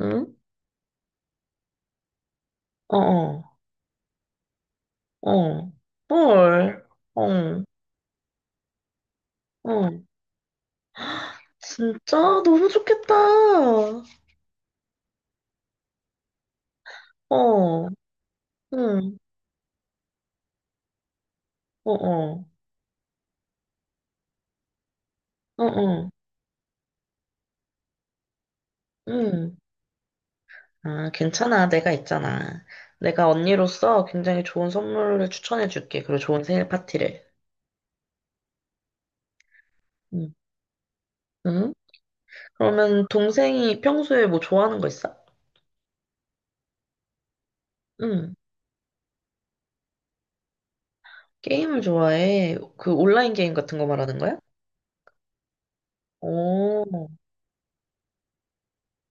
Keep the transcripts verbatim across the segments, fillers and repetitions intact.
응? 어, 어, 어. 헐. 어, 어. 진짜 너무 좋겠다. 어, 응, 어, 어, 어, 어, 응. 아, 괜찮아. 내가 있잖아. 내가 언니로서 굉장히 좋은 선물을 추천해줄게. 그리고 좋은 생일 파티를. 응, 응? 그러면 동생이 평소에 뭐 좋아하는 거 있어? 응. 게임을 좋아해. 그 온라인 게임 같은 거 말하는 거야? 오,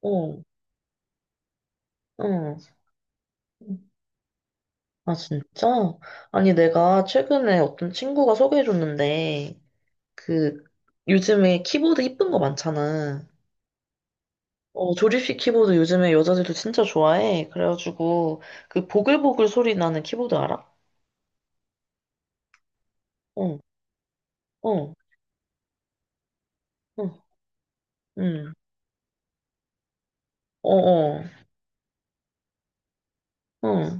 어, 어. 아, 진짜? 아니, 내가 최근에 어떤 친구가 소개해줬는데, 그, 요즘에 키보드 이쁜 거 많잖아. 어, 조립식 키보드 요즘에 여자들도 진짜 좋아해. 그래가지고, 그 보글보글 소리 나는 키보드 알아? 어, 어, 어, 응, 어, 어, 어.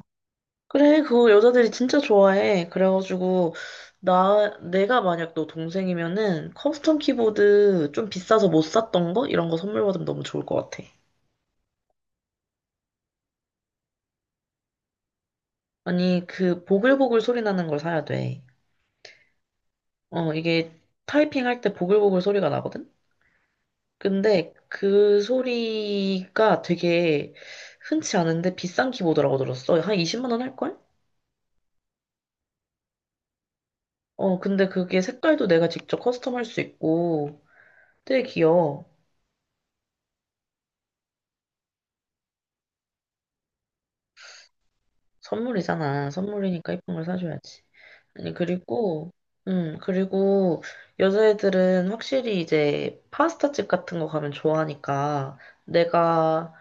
그래, 그거 여자들이 진짜 좋아해. 그래가지고, 나, 내가 만약 너 동생이면은 커스텀 키보드 좀 비싸서 못 샀던 거? 이런 거 선물 받으면 너무 좋을 것 같아. 아니, 그 보글보글 소리 나는 걸 사야 돼. 어, 이게 타이핑할 때 보글보글 소리가 나거든? 근데 그 소리가 되게 흔치 않은데 비싼 키보드라고 들었어. 한 이십만 원 할걸? 어, 근데 그게 색깔도 내가 직접 커스텀할 수 있고 되게 귀여워. 선물이잖아. 선물이니까 예쁜 걸 사줘야지. 아니, 그리고, 음, 그리고 여자애들은 확실히 이제 파스타집 같은 거 가면 좋아하니까 내가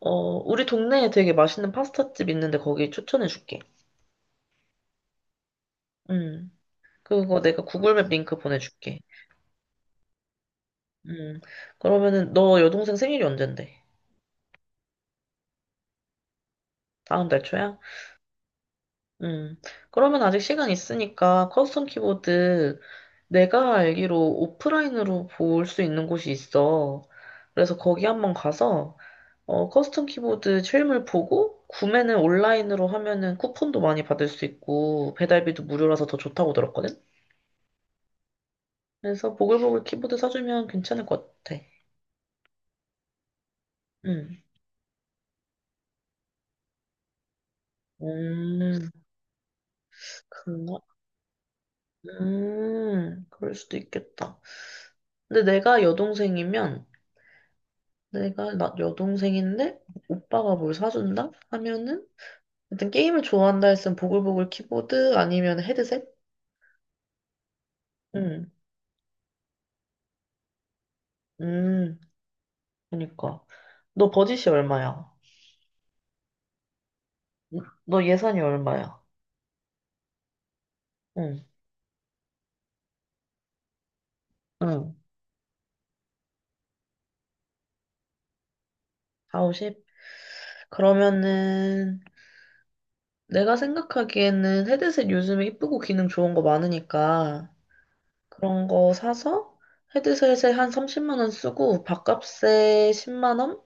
어, 우리 동네에 되게 맛있는 파스타집 있는데 거기 추천해줄게. 음, 그거 내가 구글맵 링크 보내줄게. 음, 그러면은 너 여동생 생일이 언젠데? 다음 달 초야? 음, 그러면 아직 시간 있으니까 커스텀 키보드 내가 알기로 오프라인으로 볼 수 있는 곳이 있어. 그래서 거기 한번 가서 어, 커스텀 키보드 실물 보고 구매는 온라인으로 하면은 쿠폰도 많이 받을 수 있고 배달비도 무료라서 더 좋다고 들었거든? 그래서 보글보글 키보드 사주면 괜찮을 것 같아. 응. 음, 그런가? 음, 그럴 수도 있겠다. 근데 내가 여동생이면, 내가 나 여동생인데, 오빠가 뭘 사준다? 하면은, 일단 게임을 좋아한다 했으면 보글보글 키보드 아니면 헤드셋? 응, 음, 그니까. 너 버짓이 얼마야? 너 예산이 얼마야? 응, 응. 사십, 오십? 그러면은, 내가 생각하기에는 헤드셋 요즘에 이쁘고 기능 좋은 거 많으니까 그런 거 사서 헤드셋에 한 삼십만 원 쓰고 밥값에 십만 원?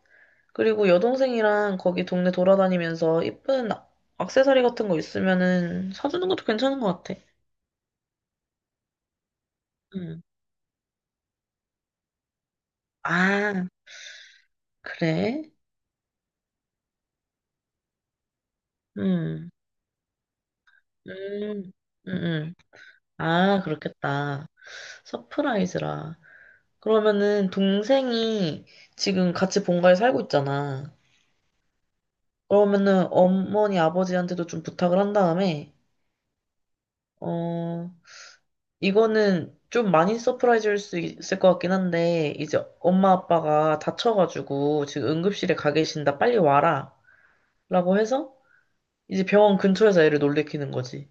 그리고 여동생이랑 거기 동네 돌아다니면서 이쁜 악- 액세서리 같은 거 있으면은 사주는 것도 괜찮은 것 같아. 음. 아, 그래? 음. 음. 음. 음. 아, 그렇겠다. 서프라이즈라. 그러면은 동생이 지금 같이 본가에 살고 있잖아. 그러면은 어머니 아버지한테도 좀 부탁을 한 다음에 어, 이거는 좀 많이 서프라이즈일 수 있을 것 같긴 한데 이제 엄마 아빠가 다쳐가지고 지금 응급실에 가 계신다 빨리 와라 라고 해서 이제 병원 근처에서 애를 놀래키는 거지.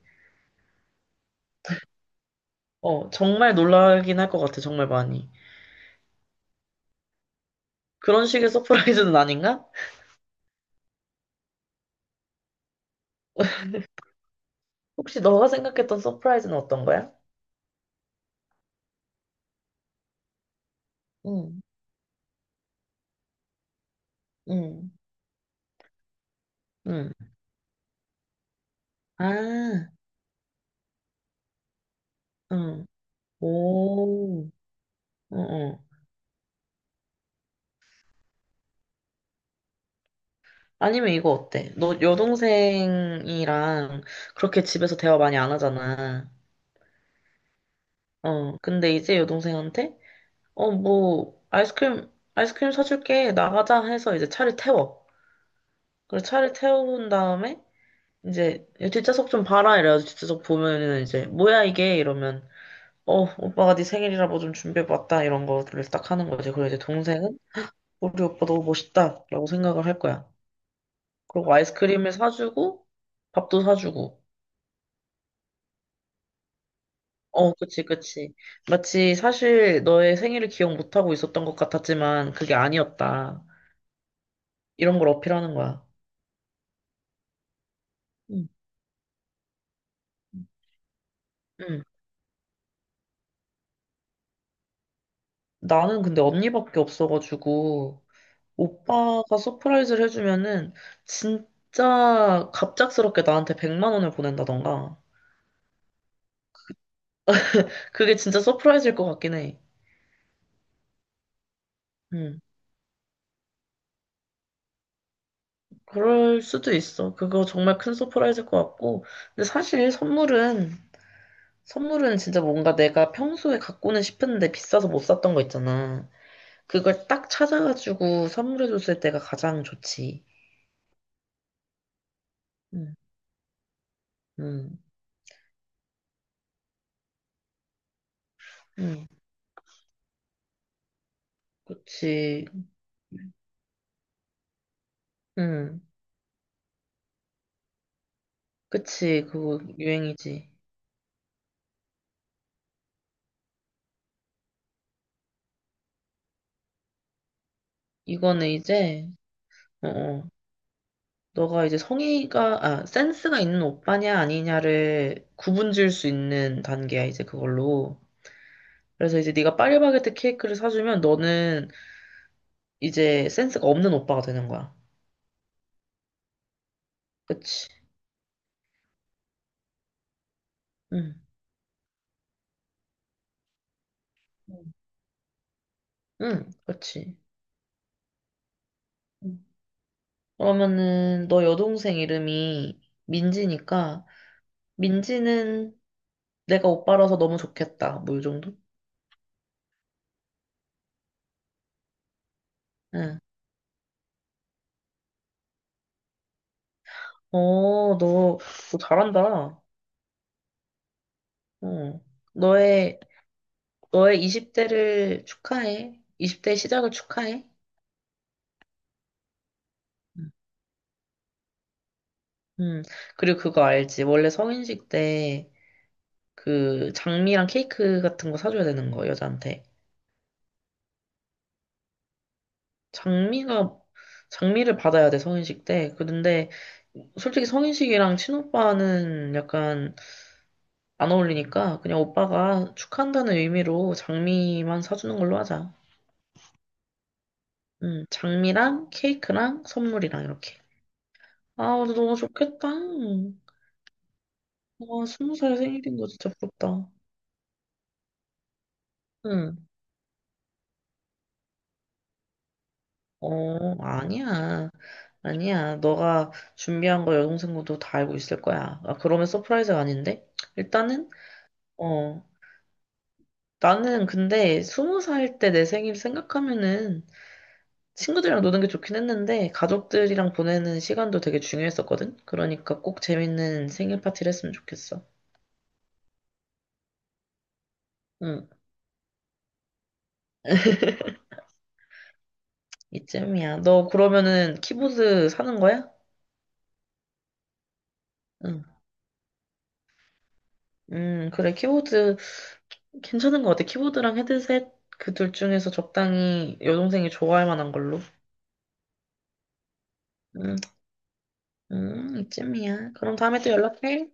어, 정말 놀라긴 할 것 같아 정말 많이. 그런 식의 서프라이즈는 아닌가? 혹시 너가 생각했던 서프라이즈는 어떤 거야? 응, 응, 응. 아, 응. 오, 응, 응. 아니면 이거 어때? 너 여동생이랑 그렇게 집에서 대화 많이 안 하잖아. 어, 근데 이제 여동생한테, 어, 뭐, 아이스크림, 아이스크림 사줄게. 나가자 해서 이제 차를 태워. 그래서 차를 태운 다음에, 이제, 야, 뒷좌석 좀 봐라. 이래가지고 뒷좌석 보면은 이제, 뭐야 이게? 이러면, 어, 오빠가 네 생일이라 뭐 좀 준비해봤다. 이런 거를 딱 하는 거지. 그리고 이제 동생은, 우리 오빠 너무 멋있다. 라고 생각을 할 거야. 그리고 아이스크림을 사주고, 밥도 사주고. 어, 그치, 그치. 마치 사실 너의 생일을 기억 못하고 있었던 것 같았지만 그게 아니었다. 이런 걸 어필하는 거야. 응. 응. 나는 근데 언니밖에 없어가지고 오빠가 서프라이즈를 해주면은 진짜 갑작스럽게 나한테 백만 원을 보낸다던가. 그게 진짜 서프라이즈일 것 같긴 해. 응. 그럴 수도 있어. 그거 정말 큰 서프라이즈일 것 같고. 근데 사실 선물은 선물은 진짜 뭔가 내가 평소에 갖고는 싶은데 비싸서 못 샀던 거 있잖아. 그걸 딱 찾아가지고 선물해줬을 때가 가장 좋지. 응, 응, 응. 그치, 응. 그치, 그거 유행이지. 이거는 이제, 어, 어. 너가 이제 성의가, 아, 센스가 있는 오빠냐 아니냐를 구분 지을 수 있는 단계야, 이제 그걸로. 그래서 이제 네가 파리바게트 케이크를 사주면 너는 이제 센스가 없는 오빠가 되는 거야. 그치? 응. 응, 그렇지. 응. 그러면은 너 여동생 이름이 민지니까 민지는 내가 오빠라서 너무 좋겠다. 뭐 이 정도? 응. 어, 너, 너 잘한다. 어. 너의 너의 이십 대를 축하해. 이십 대 시작을 축하해. 응. 음, 그리고 그거 알지? 원래 성인식 때 그 장미랑 케이크 같은 거 사줘야 되는 거 여자한테. 장미가 장미를 받아야 돼 성인식 때. 그런데 솔직히 성인식이랑 친오빠는 약간 안 어울리니까 그냥 오빠가 축하한다는 의미로 장미만 사주는 걸로 하자. 음, 장미랑 케이크랑 선물이랑 이렇게. 아, 근데 너무 좋겠다. 와, 스무 살 생일인 거 진짜 부럽다. 응. 어, 아니야. 아니야. 너가 준비한 거 여동생도 다 알고 있을 거야. 아, 그러면 서프라이즈가 아닌데? 일단은, 어, 나는 근데 스무 살 때 내 생일 생각하면은 친구들이랑 노는 게 좋긴 했는데 가족들이랑 보내는 시간도 되게 중요했었거든? 그러니까 꼭 재밌는 생일 파티를 했으면 좋겠어. 응, 이쯤이야. 너 그러면은 키보드 사는 거야? 응. 음, 그래. 키보드 괜찮은 것 같아. 키보드랑 헤드셋 그 둘 중에서 적당히 여동생이 좋아할 만한 걸로. 응, 응, 이쯤이야. 그럼 다음에 또 연락해.